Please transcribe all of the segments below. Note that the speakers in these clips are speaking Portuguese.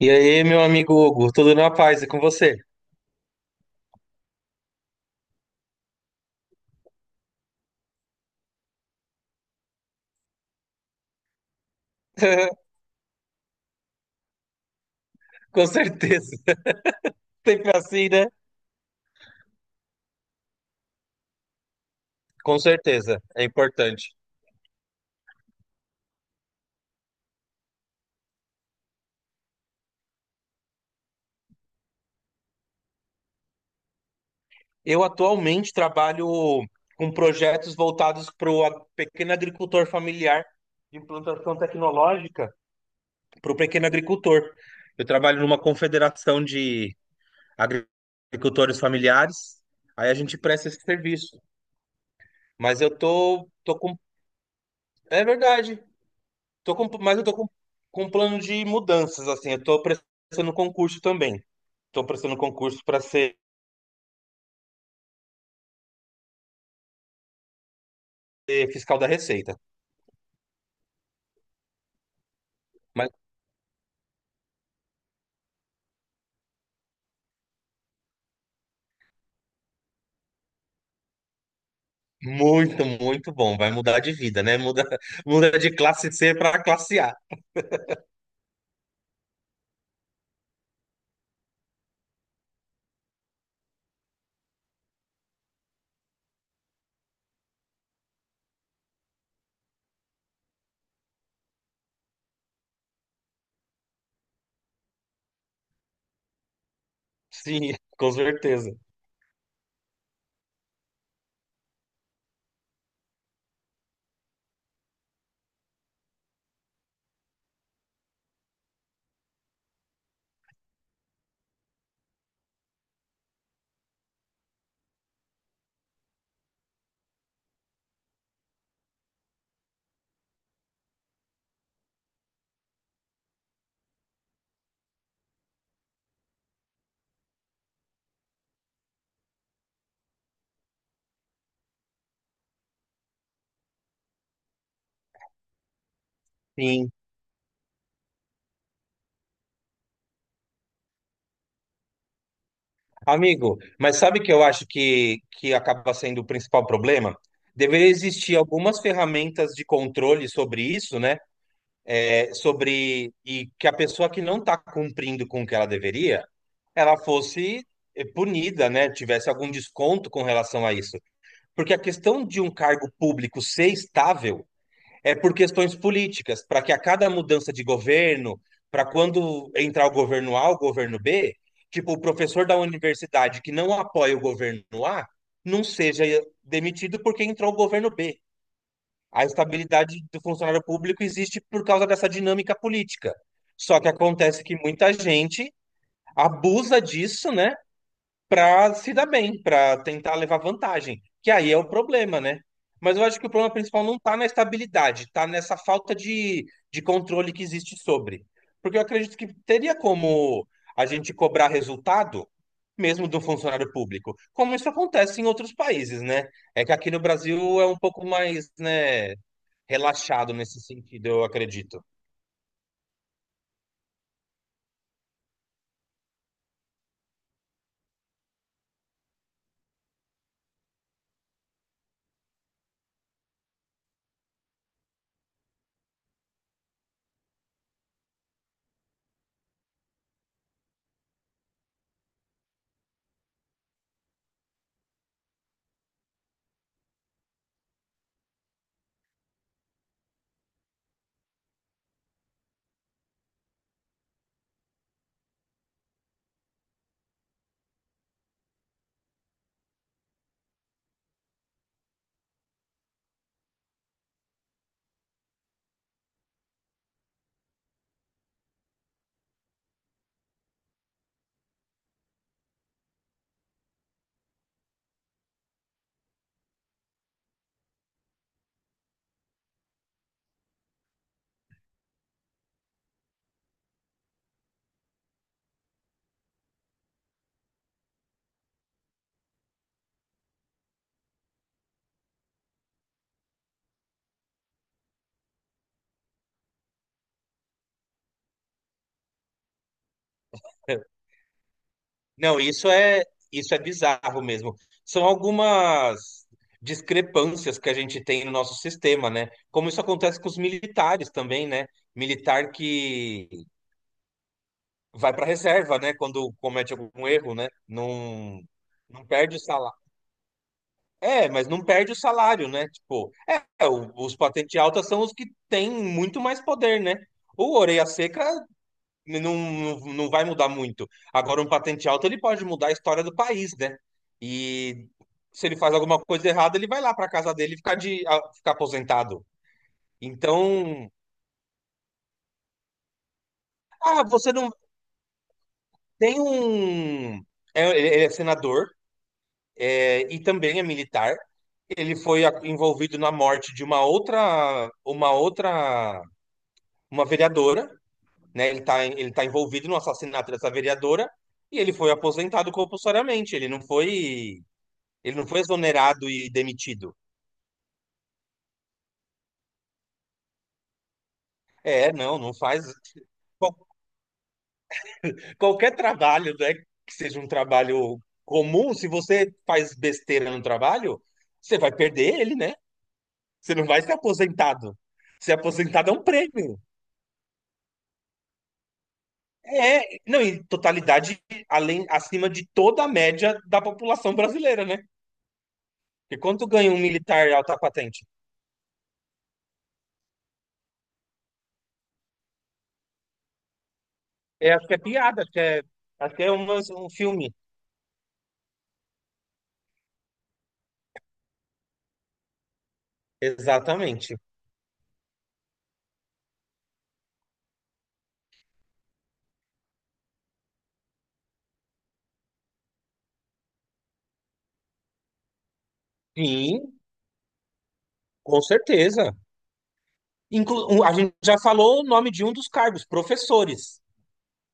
E aí, meu amigo Hugo, tudo na paz e com você? Com certeza. Sempre assim, né? Com certeza, é importante. Eu atualmente trabalho com projetos voltados para o pequeno agricultor familiar de implantação tecnológica para o pequeno agricultor. Eu trabalho numa confederação de agri- agricultores familiares, aí a gente presta esse serviço. Mas eu tô com. É verdade. Tô com, mas eu tô com um plano de mudanças, assim. Eu tô prestando concurso também. Tô prestando concurso para ser fiscal da Receita. Mas muito, muito bom. Vai mudar de vida, né? Muda, muda de classe C para classe A. Sim, com certeza. Sim. Amigo, mas sabe que eu acho que acaba sendo o principal problema? Deveria existir algumas ferramentas de controle sobre isso, né? Sobre e que a pessoa que não está cumprindo com o que ela deveria, ela fosse punida, né? Tivesse algum desconto com relação a isso. Porque a questão de um cargo público ser estável é por questões políticas, para que a cada mudança de governo, para quando entrar o governo A, o governo B, tipo, o professor da universidade que não apoia o governo A não seja demitido porque entrou o governo B. A estabilidade do funcionário público existe por causa dessa dinâmica política. Só que acontece que muita gente abusa disso, né, para se dar bem, para tentar levar vantagem, que aí é o problema, né? Mas eu acho que o problema principal não está na estabilidade, está nessa falta de controle que existe sobre. Porque eu acredito que teria como a gente cobrar resultado, mesmo do funcionário público, como isso acontece em outros países, né? É que aqui no Brasil é um pouco mais, né, relaxado nesse sentido, eu acredito. Não, isso é bizarro mesmo. São algumas discrepâncias que a gente tem no nosso sistema, né? Como isso acontece com os militares também, né? Militar que vai para reserva, né? Quando comete algum erro, né? Não, não perde o salário. É, mas não perde o salário, né? Tipo, os patente alta são os que têm muito mais poder, né? O orelha seca não, não, não vai mudar muito. Agora, um patente alto, ele pode mudar a história do país, né? E se ele faz alguma coisa errada, ele vai lá para casa dele ficar ficar aposentado. Então, você não tem um. Ele é senador, e também é militar. Ele foi envolvido na morte de uma vereadora, né? Ele tá envolvido no assassinato dessa vereadora. E ele foi aposentado compulsoriamente. Ele não foi. Ele não foi exonerado e demitido. É, não, não faz. Qual- Qualquer trabalho, né, que seja um trabalho comum, se você faz besteira no trabalho, você vai perder ele, né? Você não vai ser aposentado. Ser aposentado é um prêmio. É, não, em totalidade, além, acima de toda a média da população brasileira, né? E quanto ganha um militar alta patente? É, acho que é piada, acho que é um filme. Exatamente. Sim, com certeza. A gente já falou o nome de um dos cargos, professores.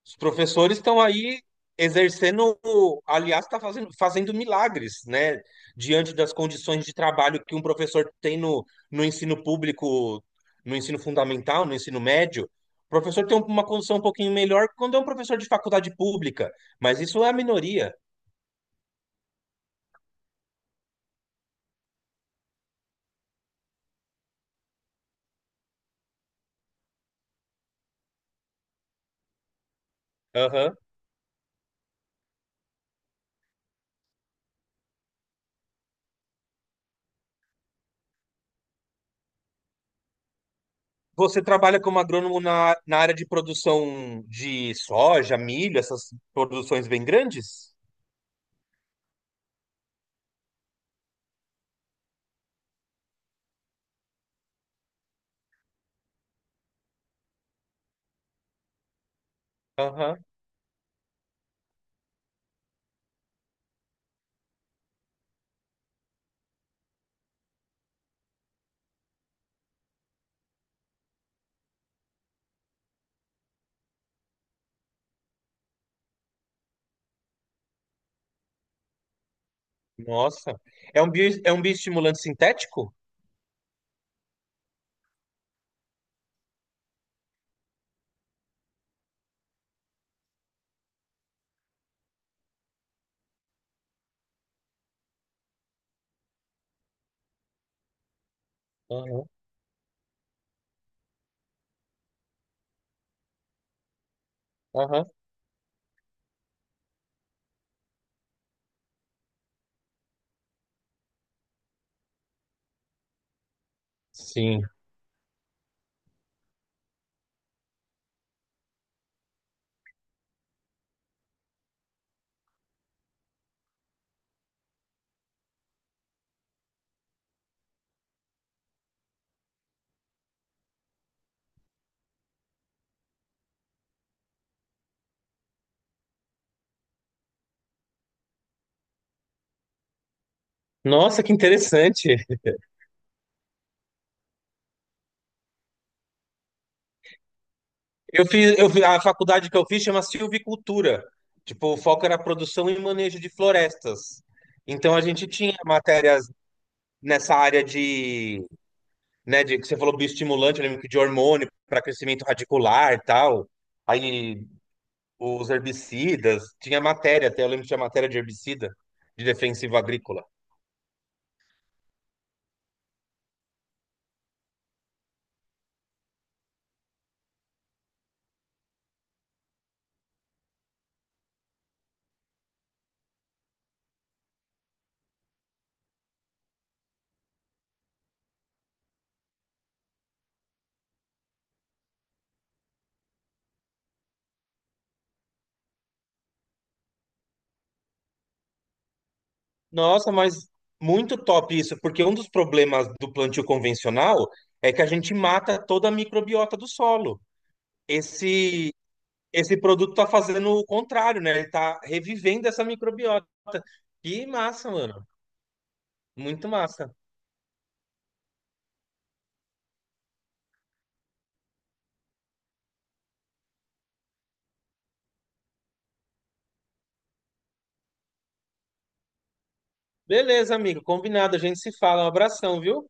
Os professores estão aí exercendo, aliás, está fazendo, milagres, né? Diante das condições de trabalho que um professor tem no ensino público, no ensino fundamental, no ensino médio. O professor tem uma condição um pouquinho melhor quando é um professor de faculdade pública, mas isso é a minoria. Você trabalha como agrônomo na área de produção de soja, milho, essas produções bem grandes? Aham. Nossa. É um bioestimulante sintético? Aham, aham. Sim. Nossa, que interessante. Eu fiz, eu fi- A faculdade que eu fiz chama Silvicultura. Tipo, o foco era produção e manejo de florestas. Então a gente tinha matérias nessa área de, né, de que você falou bioestimulante, eu lembro que de hormônio para crescimento radicular, e tal. Aí os herbicidas, tinha matéria até, eu lembro que tinha matéria de herbicida, de defensivo agrícola. Nossa, mas muito top isso, porque um dos problemas do plantio convencional é que a gente mata toda a microbiota do solo. Esse Esse produto tá fazendo o contrário, né? Ele tá revivendo essa microbiota. Que massa, mano. Muito massa. Beleza, amigo. Combinado. A gente se fala. Um abração, viu?